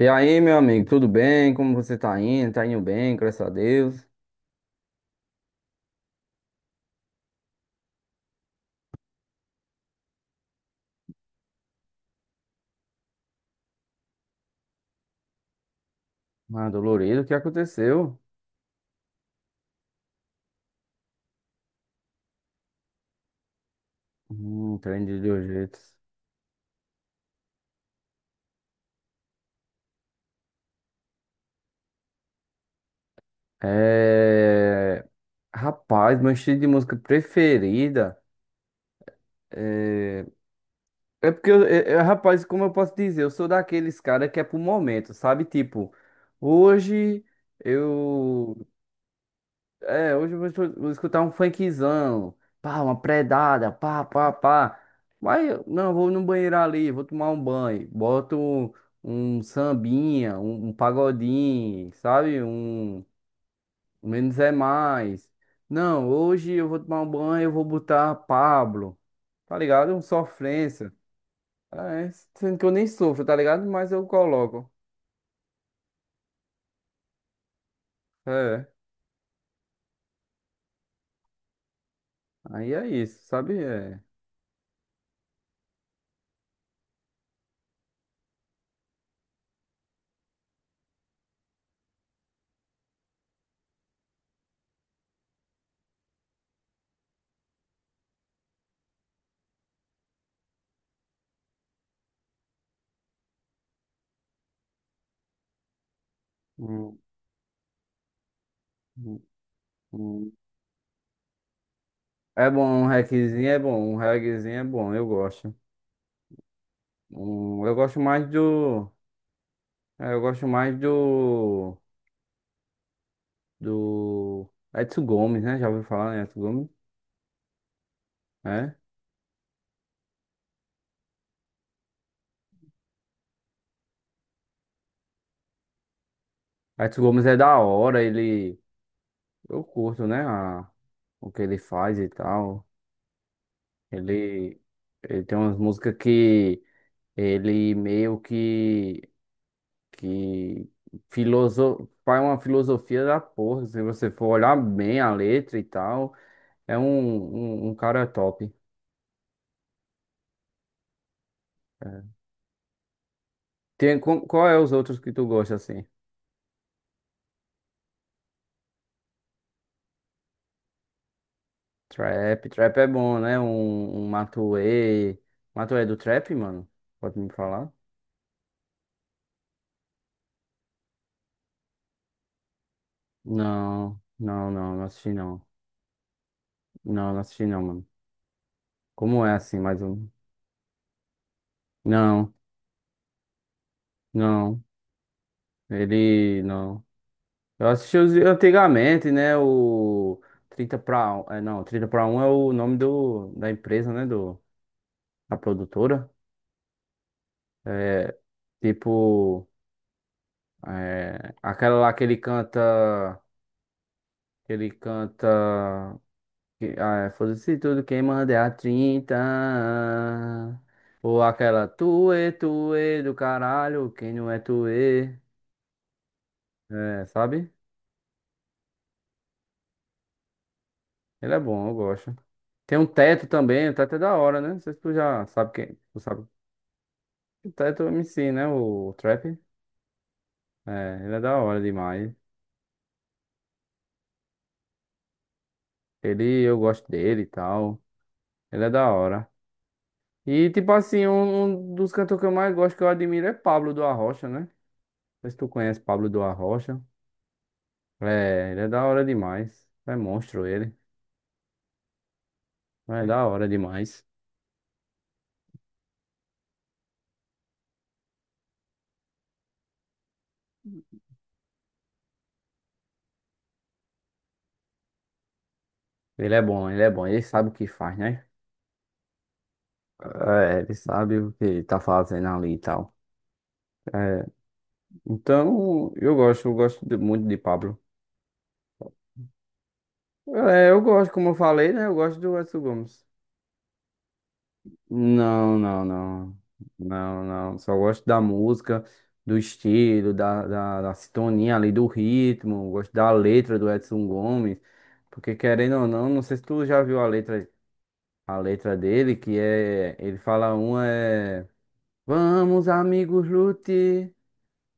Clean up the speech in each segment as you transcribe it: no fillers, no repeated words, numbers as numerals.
E aí, meu amigo, tudo bem? Como você tá indo? Tá indo bem, graças a Deus. Ah, dolorido, o que aconteceu? Aprendi de dois jeitos. É... Rapaz, meu estilo de música preferida é... é porque, eu, rapaz, como eu posso dizer, eu sou daqueles cara que é pro momento, sabe? Tipo, hoje eu hoje eu vou, vou escutar um funkzão, pá, uma predada, pá, pá, pá. Mas eu- não, vou no banheiro ali, vou tomar um banho, boto um sambinha, um pagodinho, sabe? Um menos é mais. Não, hoje eu vou tomar um banho, eu vou botar Pablo, tá ligado? Um sofrência. É, sendo que eu nem sofro, tá ligado? Mas eu coloco. É, aí é isso, sabe? É. Hum, hum, hum. É bom, um reggaezinho é bom, um reggaezinho é bom, eu gosto. Eu gosto mais do. É, eu gosto mais do. Do. Edson Gomes, né? Já ouviu falar em Edson Gomes? É. Edson Gomes é da hora, ele. Eu curto, né? O que ele faz e tal. Ele. Ele tem umas músicas que. Ele meio que. Que. Faz uma filosofia da porra, se você for olhar bem a letra e tal. É um, um cara top. É. Tem, qual é os outros que tu gosta, assim? Trap, trap é bom, né? Um Matuê. Matuê é do trap, mano? Pode me falar? Não, não, não, não assisti não. Não, não assisti não, mano. Como é assim, mais um? Não, não, ele não. Eu assisti os antigamente, né? O Trinta pra um, é, não, Trinta pra um é o nome do, da empresa, né? Do, da produtora. É, tipo. É, aquela lá que ele canta. Que ele canta. Que, ah, é, foda-se tudo quem manda é a trinta. Ou aquela tuê, tuê do caralho, quem não é tuê. É, sabe? Ele é bom, eu gosto. Tem um teto também, o teto é da hora, né? Não sei se tu já sabe quem. Tu sabe. O teto é o MC, né? O trap. É, ele é da hora demais. Ele, eu gosto dele e tal. Ele é da hora. E, tipo assim, um dos cantores que eu mais gosto, que eu admiro, é Pablo do Arrocha, né? Não sei se tu conhece Pablo do Arrocha. É, ele é da hora demais. É monstro ele. É da hora demais. Ele é bom, ele é bom. Ele sabe o que faz, né? É, ele sabe o que tá fazendo ali e tal. É, então, eu gosto muito de Pablo. É, eu gosto, como eu falei, né? Eu gosto do Edson Gomes. Não, não, não. Não, não. Só gosto da música, do estilo, da sintonia ali, do ritmo. Gosto da letra do Edson Gomes. Porque querendo ou não, não sei se tu já viu a letra dele, que é. Ele fala uma é. Vamos, amigos, lute.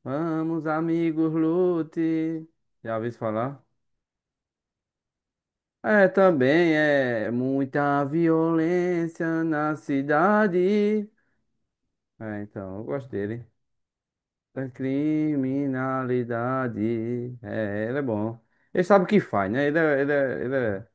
Vamos, amigos, lute. Já ouviu isso falar? É, também é muita violência na cidade. É, então, eu gosto dele. Da criminalidade. É, ele é bom. Ele sabe o que faz, né? Ele é, ele é, ele é...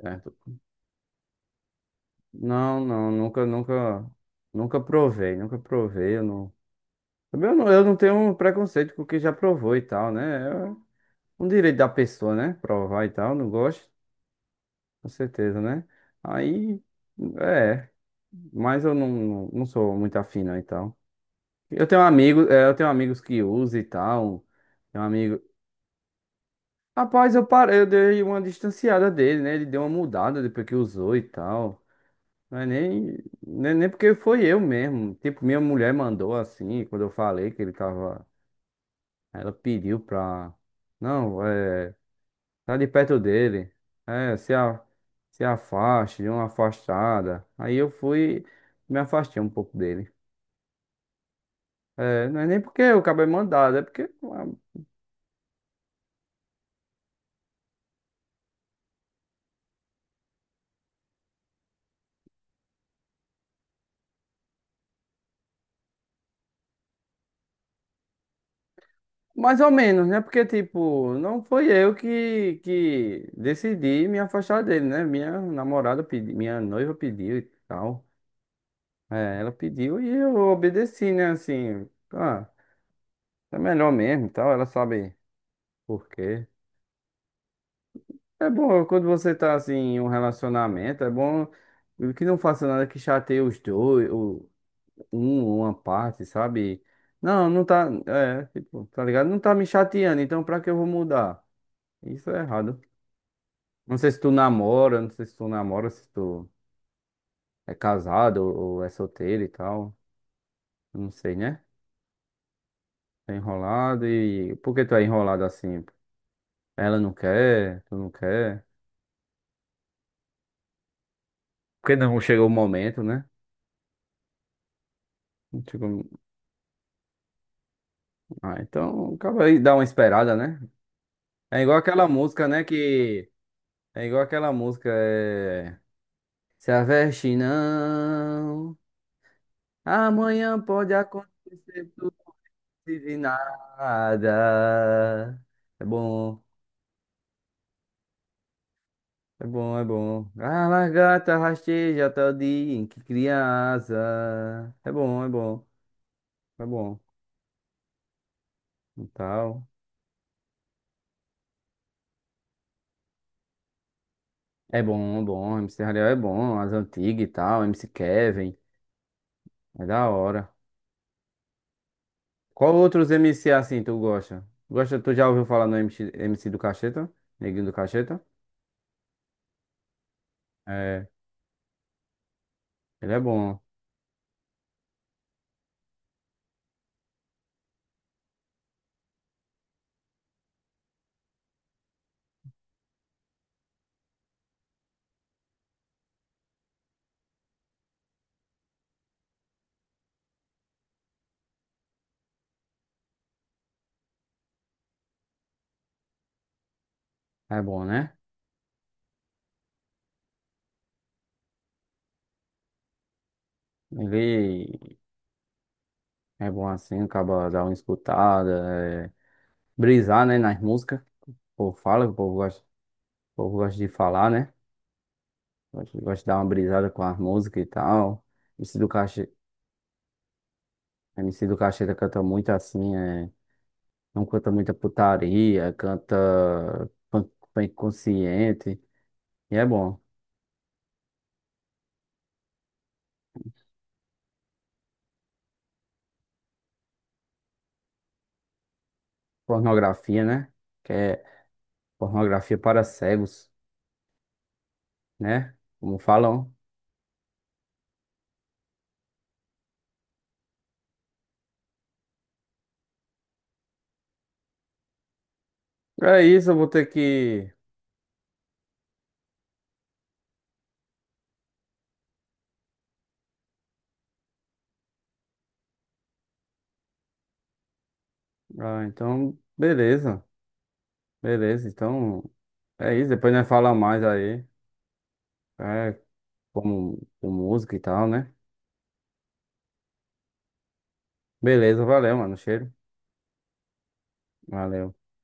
Certo. Não, não, nunca, nunca, nunca provei, nunca provei. Eu não, também eu não tenho um preconceito com quem já provou e tal, né? É um direito da pessoa, né? Provar e tal, não gosto, com certeza, né? Aí, é, mas eu não, não, não sou muito afim, não, e tal. Eu tenho amigos, é, eu tenho amigos que usam e tal. Tem um amigo, rapaz, eu parei, eu dei uma distanciada dele, né? Ele deu uma mudada depois que usou e tal. Mas nem porque foi eu mesmo. Tipo, minha mulher mandou assim, quando eu falei que ele tava. Ela pediu pra. Não, é, tá de perto dele. É, se afaste, dê uma afastada. Aí eu fui, me afastei um pouco dele. É, não é nem porque o cabo é mandado, é porque mais ou menos, né? Porque, tipo, não foi eu que decidi me afastar dele, né? Minha namorada pediu, minha noiva pediu e tal. É, ela pediu e eu obedeci, né? Assim, ah, é melhor mesmo e tal. Ela sabe por quê. É bom quando você tá, assim, em um relacionamento, é bom que não faça nada que chateie os dois, o, um, uma parte, sabe? Não, não tá, é, tipo, tá ligado? Não tá me chateando, então pra que eu vou mudar? Isso é errado. Não sei se tu namora, não sei se tu namora, se tu é casado ou é solteiro e tal. Não sei, né? Tá enrolado e. Por que tu é enrolado assim? Ela não quer, tu não quer. Porque não chegou o momento, né? Não chegou- Ah, então acaba aí, dá uma esperada, né? É igual aquela música, né? Que. É igual aquela música. É... Se aveste não, amanhã pode acontecer tudo e nada. É bom. É bom, é bom. A lagarta rasteja até o dia em que cria asa. É bom, é bom, é bom. E tal. É bom, é bom. MC Hariel é bom, as antigas e tal. MC Kevin, é da hora. Qual outros MC assim tu gosta? Gosta, tu já ouviu falar no MC, MC do Cacheta? Neguinho do Cacheta? É, ele é bom, né? Ele é bom assim, acaba dar uma escutada, é, brisar, né, nas músicas. O povo fala, o povo gosta de falar, né? Gosto, gosto de dar uma brisada com as músicas e tal. MC do Caixa, MC do Caixeta canta muito assim, é, não canta muita putaria, canta punk, punk consciente. E é bom. Pornografia, né? Que é pornografia para cegos, né? Como falam. É isso, eu vou ter que. Ah, então, beleza. Beleza, então. É isso, depois nós falamos mais aí. É, como, com música e tal, né? Beleza, valeu, mano. Cheiro. Valeu. Tamo